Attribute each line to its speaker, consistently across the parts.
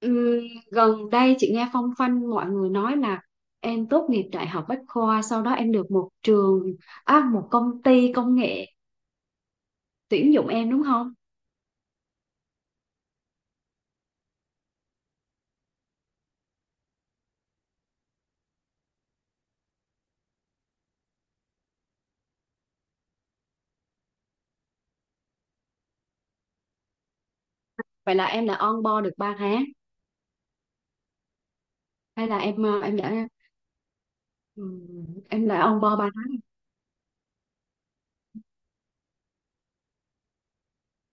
Speaker 1: Ừm, Gần đây chị nghe phong phanh mọi người nói là em tốt nghiệp Đại học Bách khoa, sau đó em được một trường, một công ty công nghệ tuyển dụng em đúng không? Vậy là em đã on board được 3 tháng hay là ừm, em đã on board 3 tháng.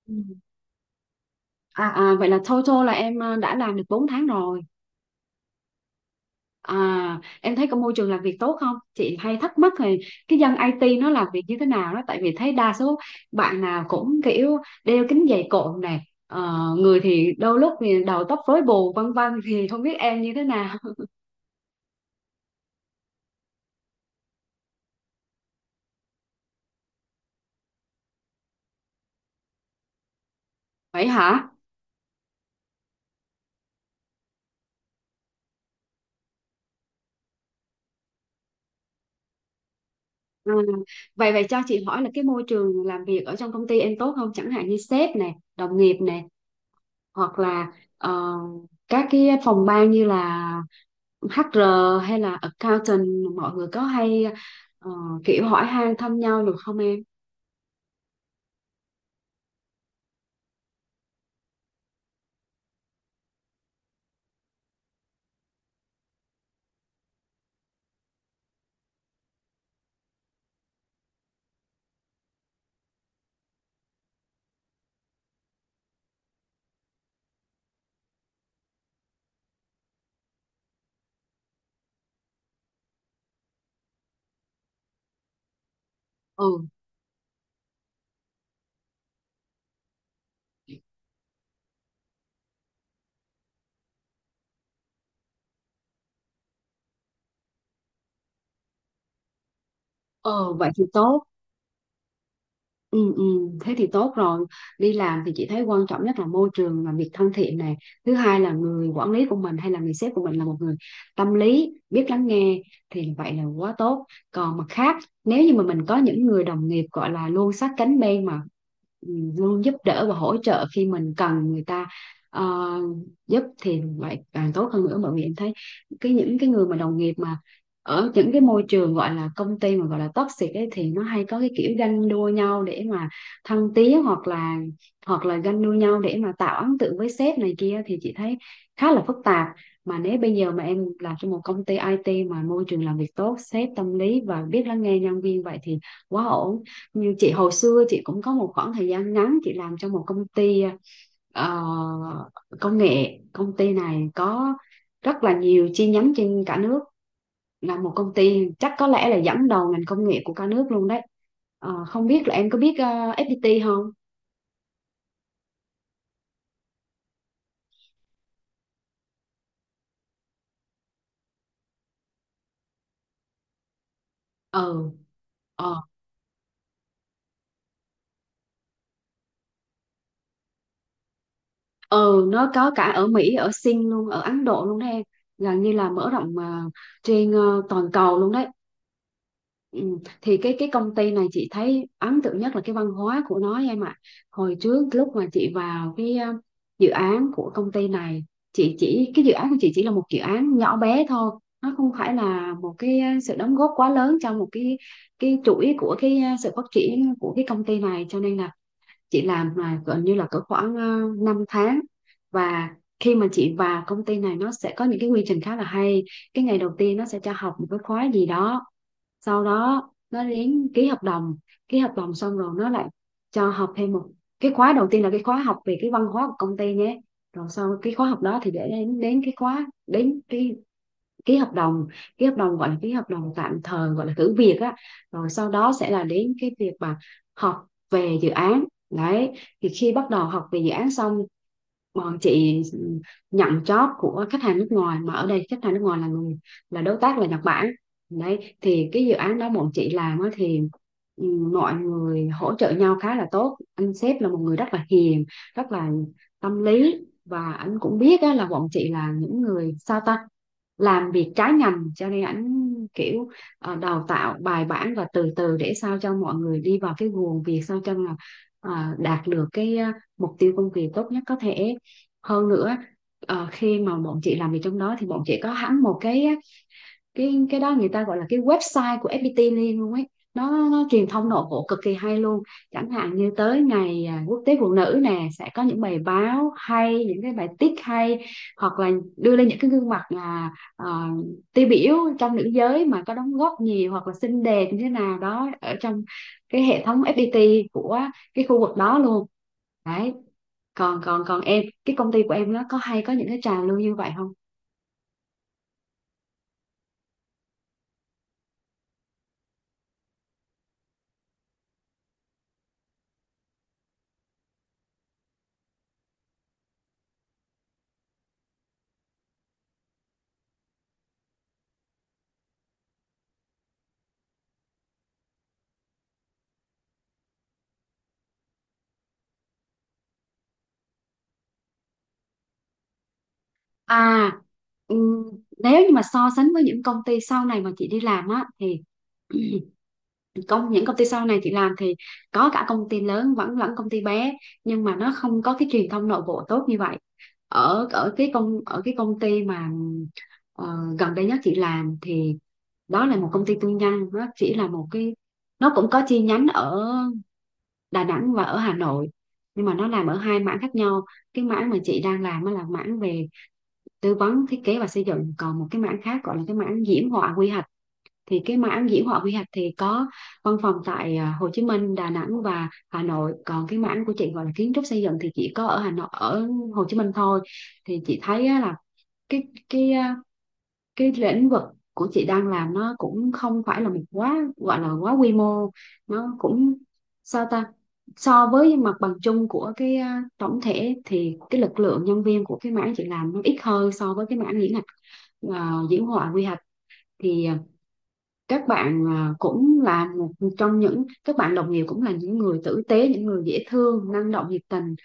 Speaker 1: Ừm. À, à vậy là total là đã làm được 4 tháng rồi. À, em thấy có môi trường làm việc tốt không? Chị hay thắc mắc thì cái dân IT nó làm việc như thế nào đó, tại vì thấy đa số bạn nào cũng kiểu đeo kính dày cộm này, người thì đôi lúc thì đầu tóc rối bù vân vân, thì không biết em như thế nào. Vậy hả? Ừ. Vậy vậy cho chị hỏi là cái môi trường làm việc ở trong công ty em tốt không? Chẳng hạn như sếp này, đồng nghiệp này, hoặc là ờ, các cái phòng ban như là HR hay là accountant, mọi người có hay ờ, kiểu hỏi han thăm nhau được không em? Ừ. Ờ, vậy thì tốt. Ừ, ừ, thế thì tốt rồi. Đi làm thì chị thấy quan trọng nhất là môi trường làm việc thân thiện này, thứ hai là người quản lý của mình hay là người sếp của mình là một người tâm lý, biết lắng nghe, thì vậy là quá tốt. Còn mặt khác, nếu như mà mình có những người đồng nghiệp gọi là luôn sát cánh bên mà ừ, luôn giúp đỡ và hỗ trợ khi mình cần người ta ờ, giúp thì vậy càng tốt hơn nữa, bởi vì em thấy cái những cái người mà đồng nghiệp mà ở những cái môi trường gọi là công ty mà gọi là toxic ấy thì nó hay có cái kiểu ganh đua nhau để mà thăng tiến, hoặc là ganh đua nhau để mà tạo ấn tượng với sếp này kia, thì chị thấy khá là phức tạp. Mà nếu bây giờ mà em làm trong một công ty IT mà môi trường làm việc tốt, sếp tâm lý và biết lắng nghe nhân viên, vậy thì quá ổn. Như chị hồi xưa, chị cũng có một khoảng thời gian ngắn chị làm trong một công ty ờ, công nghệ. Công ty này có rất là nhiều chi nhánh trên cả nước, là một công ty chắc có lẽ là dẫn đầu ngành công nghệ của cả nước luôn đấy. Ờ, không biết là em có biết FPT không. Ừ. Ờ. Ừ, nó có cả ở Mỹ, ở Sing luôn, ở Ấn Độ luôn đấy em, gần như là mở rộng trên toàn cầu luôn đấy. Ừ. Thì cái công ty này chị thấy ấn tượng nhất là cái văn hóa của nó em ạ. Hồi trước lúc mà chị vào cái dự án của công ty này, chị chỉ, cái dự án của chị chỉ là một dự án nhỏ bé thôi, nó không phải là một cái sự đóng góp quá lớn trong một cái chuỗi của cái sự phát triển của cái công ty này, cho nên là chị làm là gần như là cỡ khoảng 5 tháng. Và khi mà chị vào công ty này, nó sẽ có những cái quy trình khá là hay. Cái ngày đầu tiên nó sẽ cho học một cái khóa gì đó, sau đó nó đến ký hợp đồng. Ký hợp đồng xong rồi nó lại cho học thêm một cái khóa, đầu tiên là cái khóa học về cái văn hóa của công ty nhé. Rồi sau cái khóa học đó thì để đến đến cái khóa, đến cái ký hợp đồng, ký hợp đồng gọi là ký hợp đồng tạm thời gọi là thử việc á. Rồi sau đó sẽ là đến cái việc mà học về dự án. Đấy, thì khi bắt đầu học về dự án xong, bọn chị nhận job của khách hàng nước ngoài, mà ở đây khách hàng nước ngoài là người, là đối tác, là Nhật Bản. Đấy, thì cái dự án đó bọn chị làm á, thì ừ, mọi người hỗ trợ nhau khá là tốt, anh sếp là một người rất là hiền, rất là tâm lý, và anh cũng biết á, là bọn chị là những người, sao ta, làm việc trái ngành, cho nên ảnh kiểu đào tạo bài bản và từ từ để sao cho mọi người đi vào cái guồng việc, sao cho là ờ, đạt được cái mục tiêu công việc tốt nhất có thể. Hơn nữa, khi mà bọn chị làm việc trong đó thì bọn chị có hẳn một cái đó, người ta gọi là cái website của FPT Liên luôn ấy, nó truyền thông nội bộ cực kỳ hay luôn. Chẳng hạn như tới ngày quốc tế phụ nữ nè, sẽ có những bài báo hay, những cái bài tiết hay, hoặc là đưa lên những cái gương mặt à, tiêu biểu trong nữ giới mà có đóng góp nhiều, hoặc là xinh đẹp như thế nào đó ở trong cái hệ thống FPT của cái khu vực đó luôn. Đấy, còn còn còn em, cái công ty của em nó có hay có những cái trào lưu như vậy không? À, ừm, nếu như mà so sánh với những công ty sau này mà chị đi làm á thì công, những công ty sau này chị làm thì có cả công ty lớn vẫn lẫn công ty bé, nhưng mà nó không có cái truyền thông nội bộ tốt như vậy. Ở ở cái công ty mà ờ, gần đây nhất chị làm thì đó là một công ty tư nhân, nó chỉ là một cái, nó cũng có chi nhánh ở Đà Nẵng và ở Hà Nội, nhưng mà nó làm ở hai mảng khác nhau. Cái mảng mà chị đang làm á là mảng về tư vấn thiết kế và xây dựng, còn một cái mảng khác gọi là cái mảng diễm họa quy hoạch. Thì cái mảng diễm họa quy hoạch thì có văn phòng tại Hồ Chí Minh, Đà Nẵng và Hà Nội, còn cái mảng của chị gọi là kiến trúc xây dựng thì chỉ có ở Hà Nội, ở Hồ Chí Minh thôi. Thì chị thấy á, là cái cái à, cái lĩnh vực của chị đang làm nó cũng không phải là một, quá gọi là quá quy mô, nó cũng, sao ta, so với mặt bằng chung của cái tổng thể thì cái lực lượng nhân viên của cái mảng chị làm nó ít hơn so với cái mảng diễn, ờ, diễn họa quy hoạch. Thì các bạn cũng là một trong những các bạn đồng nghiệp, cũng là những người tử tế, những người dễ thương, năng động, nhiệt tình,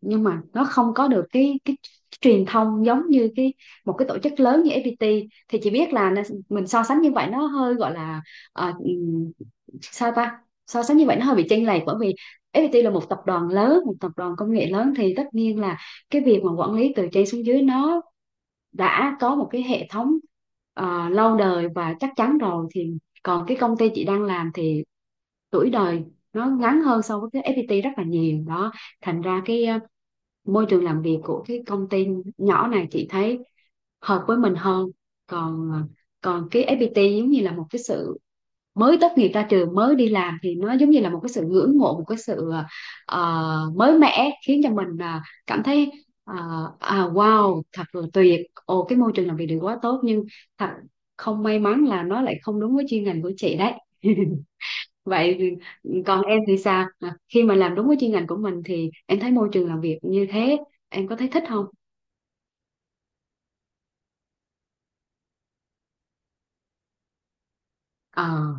Speaker 1: nhưng mà nó không có được cái truyền thông giống như cái một cái tổ chức lớn như FPT. Thì chị biết là mình so sánh như vậy nó hơi gọi là, ờ, sao ta, so sánh như vậy nó hơi bị chênh lệch, bởi vì FPT là một tập đoàn lớn, một tập đoàn công nghệ lớn, thì tất nhiên là cái việc mà quản lý từ trên xuống dưới nó đã có một cái hệ thống lâu đời và chắc chắn rồi. Thì còn cái công ty chị đang làm thì tuổi đời nó ngắn hơn so với cái FPT rất là nhiều đó, thành ra cái môi trường làm việc của cái công ty nhỏ này chị thấy hợp với mình hơn. Còn ờ, còn cái FPT, giống như là một cái sự mới tốt nghiệp ra trường mới đi làm thì nó giống như là một cái sự ngưỡng mộ, một cái sự mới mẻ, khiến cho mình cảm thấy ờ, à wow, thật là tuyệt, ồ cái môi trường làm việc được quá tốt, nhưng thật không may mắn là nó lại không đúng với chuyên ngành của chị đấy. Vậy còn em thì sao? À, khi mà làm đúng với chuyên ngành của mình thì em thấy môi trường làm việc như thế, em có thấy thích không? Ờ.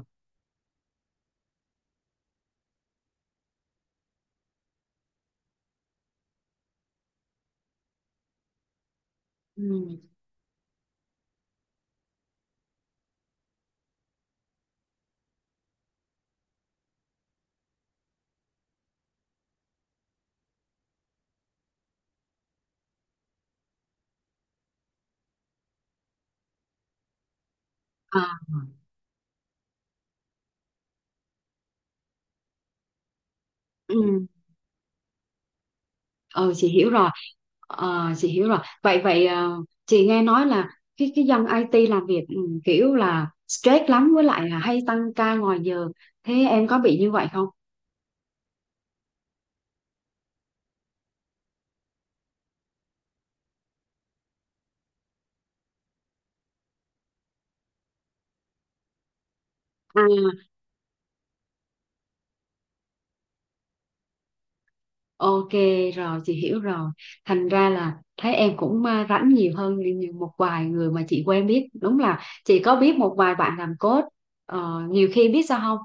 Speaker 1: Ừ. À. Ừ. Ờ, chị hiểu rồi. Ờ, chị hiểu rồi. Vậy vậy chị nghe nói là cái dân IT làm việc kiểu là stress lắm, với lại là hay tăng ca ngoài giờ. Thế em có bị như vậy không? À. Ok, rồi chị hiểu rồi, thành ra là thấy em cũng rảnh nhiều hơn như một vài người mà chị quen biết. Đúng là chị có biết một vài bạn làm code. Ờ, nhiều khi biết sao không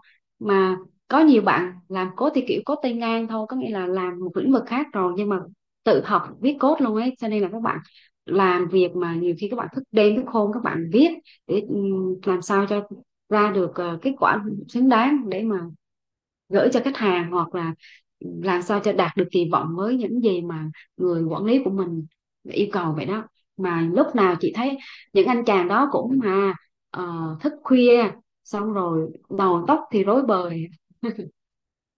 Speaker 1: mà có nhiều bạn làm code thì kiểu code tay ngang thôi, có nghĩa là làm một lĩnh vực khác rồi nhưng mà tự học viết code luôn ấy, cho nên là các bạn làm việc mà nhiều khi các bạn thức đêm thức hôm, các bạn viết để làm sao cho ra được kết quả xứng đáng để mà gửi cho khách hàng, hoặc là làm sao cho đạt được kỳ vọng với những gì mà người quản lý của mình yêu cầu vậy đó. Mà lúc nào chị thấy những anh chàng đó cũng mà thức khuya, xong rồi đầu tóc thì rối bời,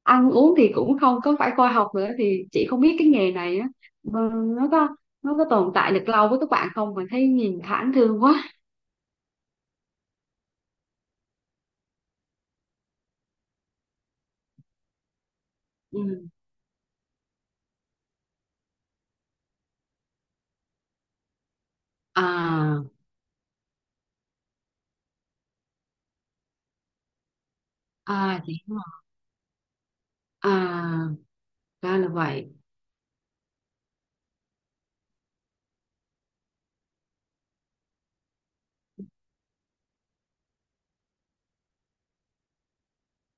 Speaker 1: ăn uống thì cũng không có phải khoa học nữa, thì chị không biết cái nghề này á, nó có nó có tồn tại được lâu với các bạn không, mà thấy nhìn thảm thương quá. Ừ. À. À, chị hiểu rồi. À, ra là vậy.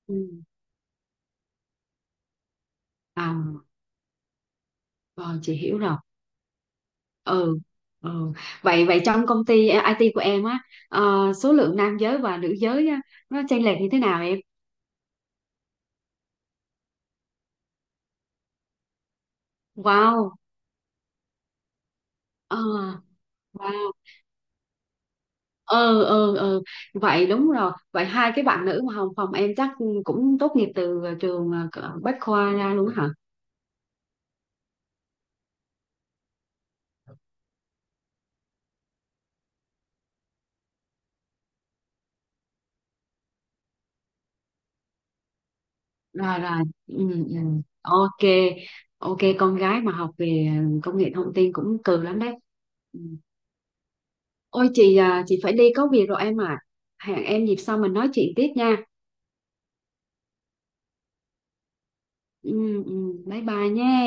Speaker 1: Ừ. À, rồi chị hiểu rồi. Ừ, ừ, vậy vậy trong công ty IT của em á, số lượng nam giới và nữ giới á, nó chênh lệch như thế nào em? Wow. Ờ. Wow. Ừ, ừ, ừ, vậy đúng rồi, vậy hai cái bạn nữ mà hồng phòng em chắc cũng tốt nghiệp từ trường cỡ Bách Khoa ra luôn hả? Rồi, rồi. Ừ, ừ. Ok. Ok, con gái mà học về công nghệ thông tin cũng cừ lắm đấy. Ừ. Ôi chị, à, chị phải đi có việc rồi em à, hẹn em dịp sau mình nói chuyện tiếp nha. Ừ, ừ. Bye bye nha.